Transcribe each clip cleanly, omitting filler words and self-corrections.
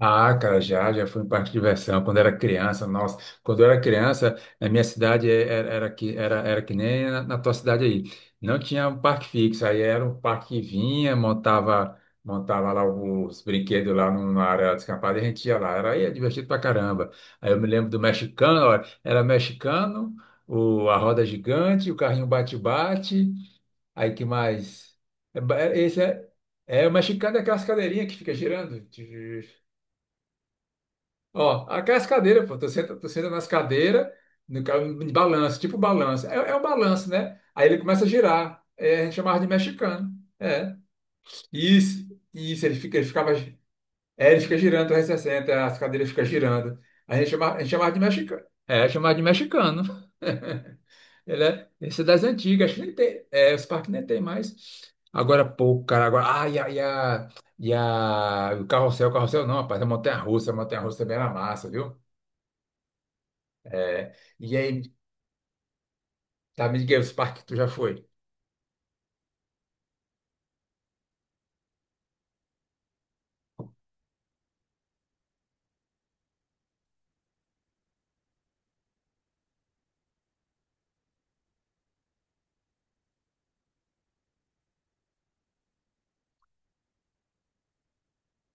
Ah, cara, já fui em parque de diversão quando era criança. Nossa, quando eu era criança, na minha cidade era que nem na tua cidade aí. Não tinha um parque fixo, aí era um parque que vinha, montava lá os brinquedos lá numa área descampada e a gente ia lá. Aí é divertido pra caramba. Aí eu me lembro do mexicano, ó, era mexicano, a roda gigante, o carrinho bate-bate. Aí que mais? Esse é o mexicano é aquelas cadeirinhas que fica girando. Ó, aquelas cadeiras, pô, tu senta nas cadeiras, no, ca- de balanço, tipo balanço. É um balanço, né? Aí ele começa a girar. É, a gente chamava de mexicano. É. Isso, isso, ele fica, ele ficava. É, ele fica girando 360, as cadeiras ficam girando. A gente chamava de mexicano. É, chamava de mexicano. Esse é das antigas, acho que nem tem. É, os parques nem tem mais. Agora pouco, cara. Agora, o carrossel não, rapaz, a montanha-russa também era massa, viu? É, e aí, tá, me diga aí os parques que tu já foi.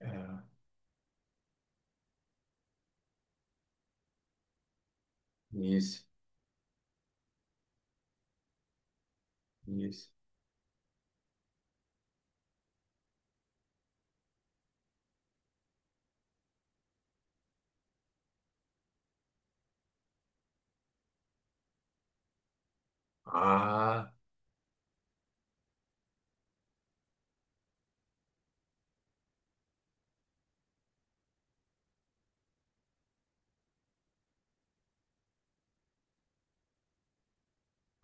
É, isso, isso. Ah,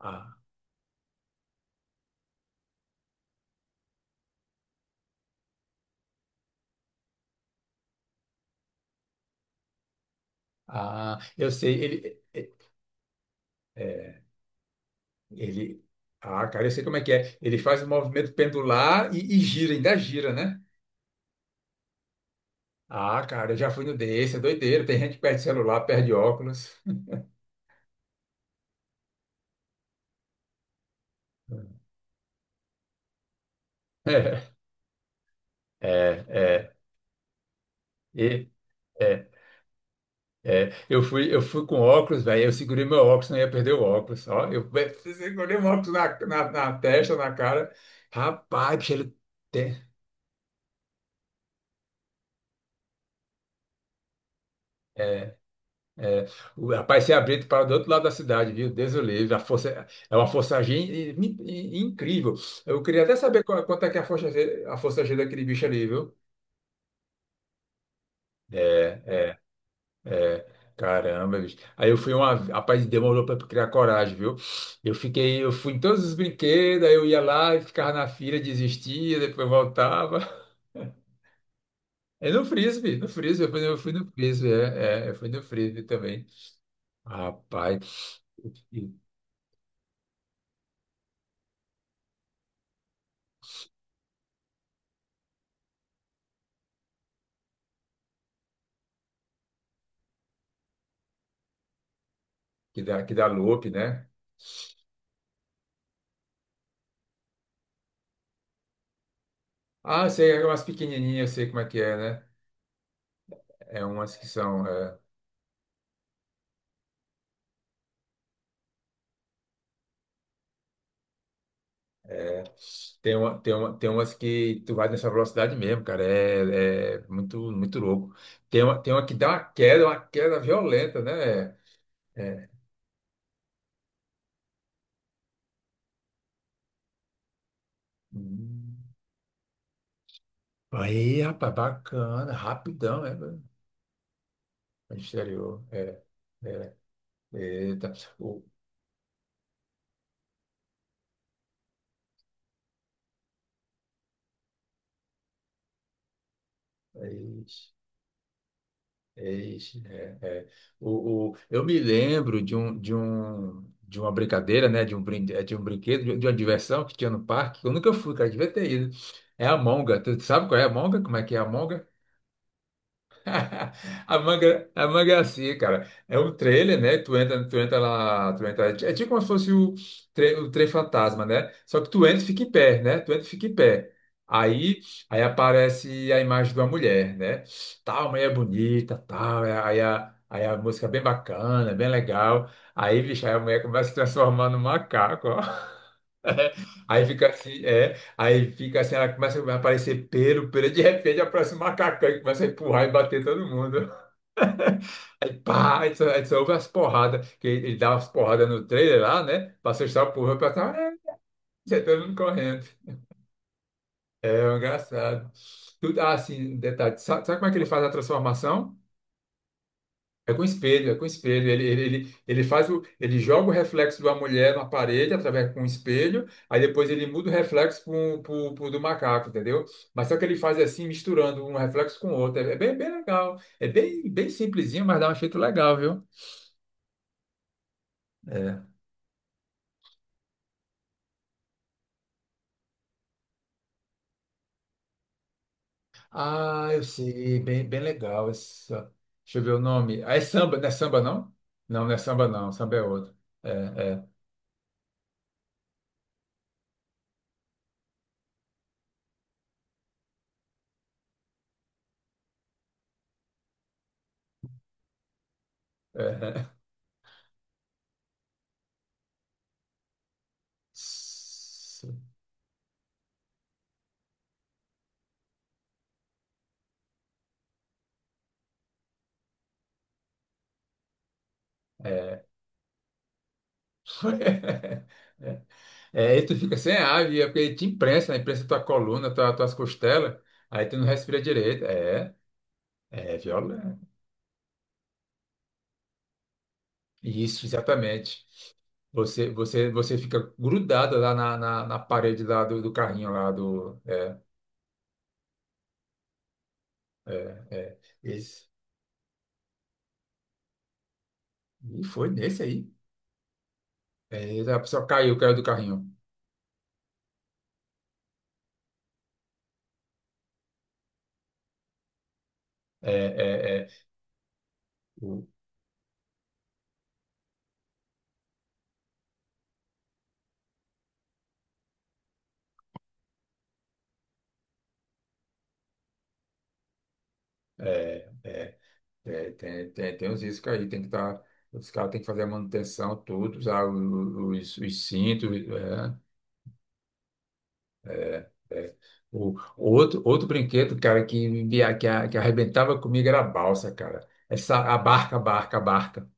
ah, ah, eu sei, ele, é, é, ele, ah, cara, eu sei como é que é. Ele faz o movimento pendular e gira, ainda gira, né? Ah, cara, eu já fui no desse, é doideiro. Tem gente que perde celular, perde óculos. É, é, é. E- É. É, eu fui com óculos, velho. Eu segurei meu óculos, não ia perder o óculos. Ó, segurei o óculos na testa, na cara. Rapaz, bicho, ele tem. É, é. O rapaz se abriu para do outro lado da cidade, viu? Deus o livre. A força, é uma força G incrível. Eu queria até saber quanto é que é a força G daquele bicho ali, viu? É. É, caramba, bicho. Aí eu fui uma. Rapaz, demorou pra criar coragem, viu? Eu fui em todos os brinquedos, aí eu ia lá e ficava na fila, desistia, depois voltava. É no frisbee, eu fui no frisbee, eu fui no frisbee também. Rapaz, que que dá loop, né? Ah, eu sei, é umas pequenininhas, eu sei como é que é, né? É umas que são. Tem umas que tu vai nessa velocidade mesmo, cara. É muito, muito louco. Tem uma que dá uma queda violenta, né? É. Hum. Aí, rapaz, bacana, rapidão, né? Velho? Exterior. É, é. Eita. O- Aí. Ixi, é, é. Eu me lembro de uma brincadeira, né? De um brinquedo, de uma diversão que tinha no parque. Que eu nunca fui, cara, devia ter ido. É a monga. Tu sabe qual é a monga? Como é que é a monga? A manga é assim, cara. É um trailer, né? Tu entra lá, tu entra. É tipo como se fosse o trem fantasma, né? Só que tu entra e fica em pé, né? Tu entra e fica em pé. Aí, aí aparece a imagem de uma mulher, né? Tal, mulher é bonita, tal. Aí a música é bem bacana, bem legal. Aí, bicho, aí a mulher começa a se transformar num macaco, ó. Aí fica assim, é. Aí fica assim, ela começa a aparecer pelo. De repente aparece um macacão que começa a empurrar e bater todo mundo. Aí, pá, aí só ouve as porradas, que ele dá umas porradas no trailer lá, né? Pra assustar o povo, aí pra cá, já tá todo mundo correndo. É engraçado. Tudo, assim, um detalhe, sabe como é que ele faz a transformação? É com espelho, é com espelho. Ele joga o reflexo de uma mulher na parede através com um espelho, aí depois ele muda o reflexo pro, pro, pro do macaco, entendeu? Mas só que ele faz assim, misturando um reflexo com o outro. É bem, bem legal. É bem, bem simplesinho, mas dá um efeito legal, viu? É. Ah, eu sei, bem, bem legal essa. Deixa eu ver o nome. Ah, é samba, não é samba não? Não, não é samba não, samba é outro. É, é, é. S- É. É, e tu fica sem ar, e é porque te imprensa, né? Imprensa tua coluna, tuas costelas, aí tu não respira direito. É violento. Isso, exatamente. Você fica grudado lá na parede lá do carrinho lá do. É, é, é. Isso. E foi nesse aí. É, a pessoa caiu do carrinho. É, é, é, o- é, é, tem os riscos aí, tem que estar. Os caras têm que fazer a manutenção, tudo, usar os cintos. É, é, é. Outro brinquedo, cara, que arrebentava comigo era a balsa, cara. Essa, a barca, a barca, a barca.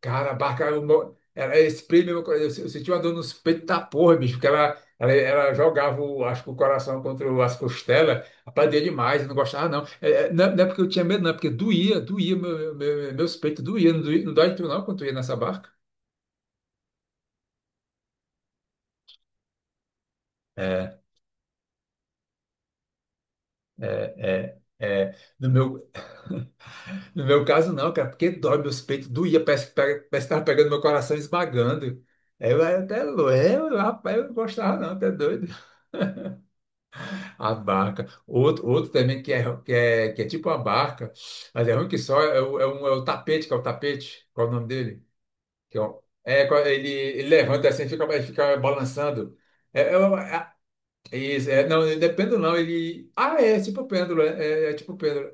Cara, a barca, era esse prêmio, eu senti uma dor nos peitos da porra, bicho, porque ela jogava, acho que o coração contra as costelas, apadia demais, eu não gostava não. É, é, não. Não é porque eu tinha medo, não, é porque doía, meus peitos doía, não dói tu não quando tu ia nessa barca? É, é, é, é. No meu, no meu caso não, cara, porque dói meus peitos, doía, parece que tava pegando meu coração e esmagando. Aí eu era até louco, rapaz, eu não gostava não, até doido. A barca. Outro também que é, tipo a barca, mas é ruim que só é o tapete, que é o tapete. Qual é o nome dele? Que é, o- é, qual- ele levanta assim, ele fica balançando. É, é, o- é- isso, não, não é pêndulo, não. Ele. Ah, é, tipo um pêndulo, é tipo um pêndulo.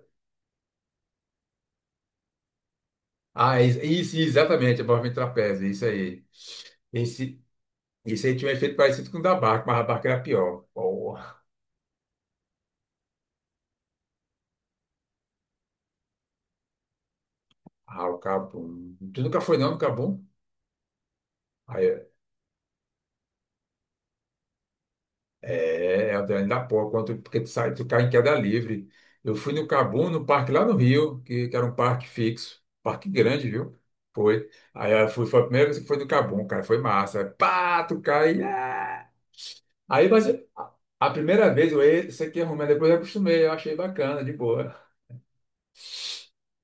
Ah, é isso, isso, exatamente, é movimento trapézio, isso aí. Esse, esse aí tinha um efeito parecido com o da barca, mas a barca era pior. Porra, o cabum. Tu nunca foi, não, no cabum? É ainda pô, quanto, porque tu sai, tu cai em queda livre. Eu fui no Cabum, no parque lá no Rio, que era um parque fixo, parque grande, viu? Foi. Foi a primeira vez que foi no Cabum, cara, foi massa. Pá, tu cai. Ah! Aí, mas a primeira vez isso aqui arrumei, depois eu acostumei, eu achei bacana, de boa.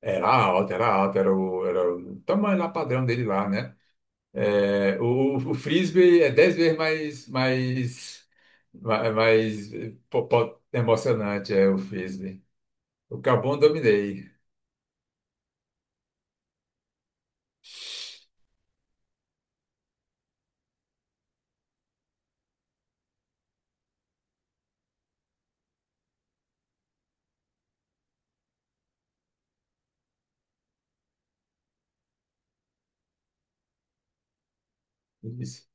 Era alto era o tamanho lá padrão dele lá, né? É, o frisbee é dez vezes mais, ma- mais, emocionante, é o frisbee. O Cabum dominei. Isso.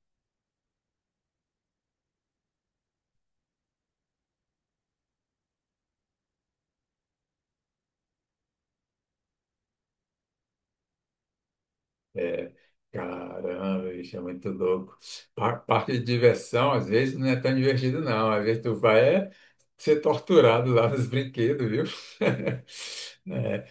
É, caramba, isso é muito louco. Parque de diversão, às vezes, não é tão divertido, não. Às vezes tu vai é ser torturado lá nos brinquedos, viu? É,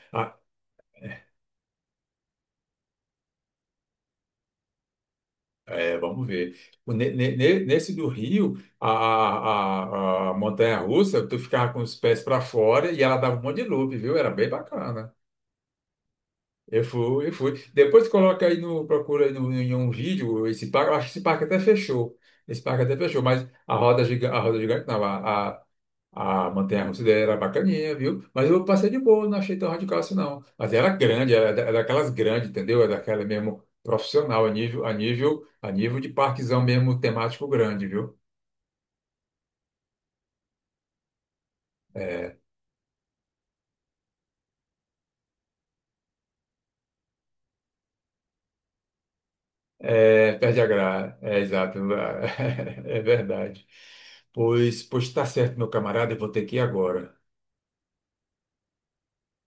é, vamos ver. O ne- ne- ne- Nesse do Rio, a montanha-russa, tu ficava com os pés para fora e ela dava um monte de loop, viu? Era bem bacana. Eu fui, eu fui. Depois coloca aí no, procura aí no, em um vídeo esse parque. Eu acho que esse parque até fechou. Esse parque até fechou, mas a roda gigante não, a montanha-russa dele era bacaninha, viu? Mas eu passei de boa, não achei tão radical assim não. Mas era grande, era daquelas grandes, entendeu? Era daquela mesmo profissional, a nível de parquezão mesmo temático grande, viu? É, é, perde a graça. É exato, é verdade. Pois tá certo, meu camarada, eu vou ter que ir agora.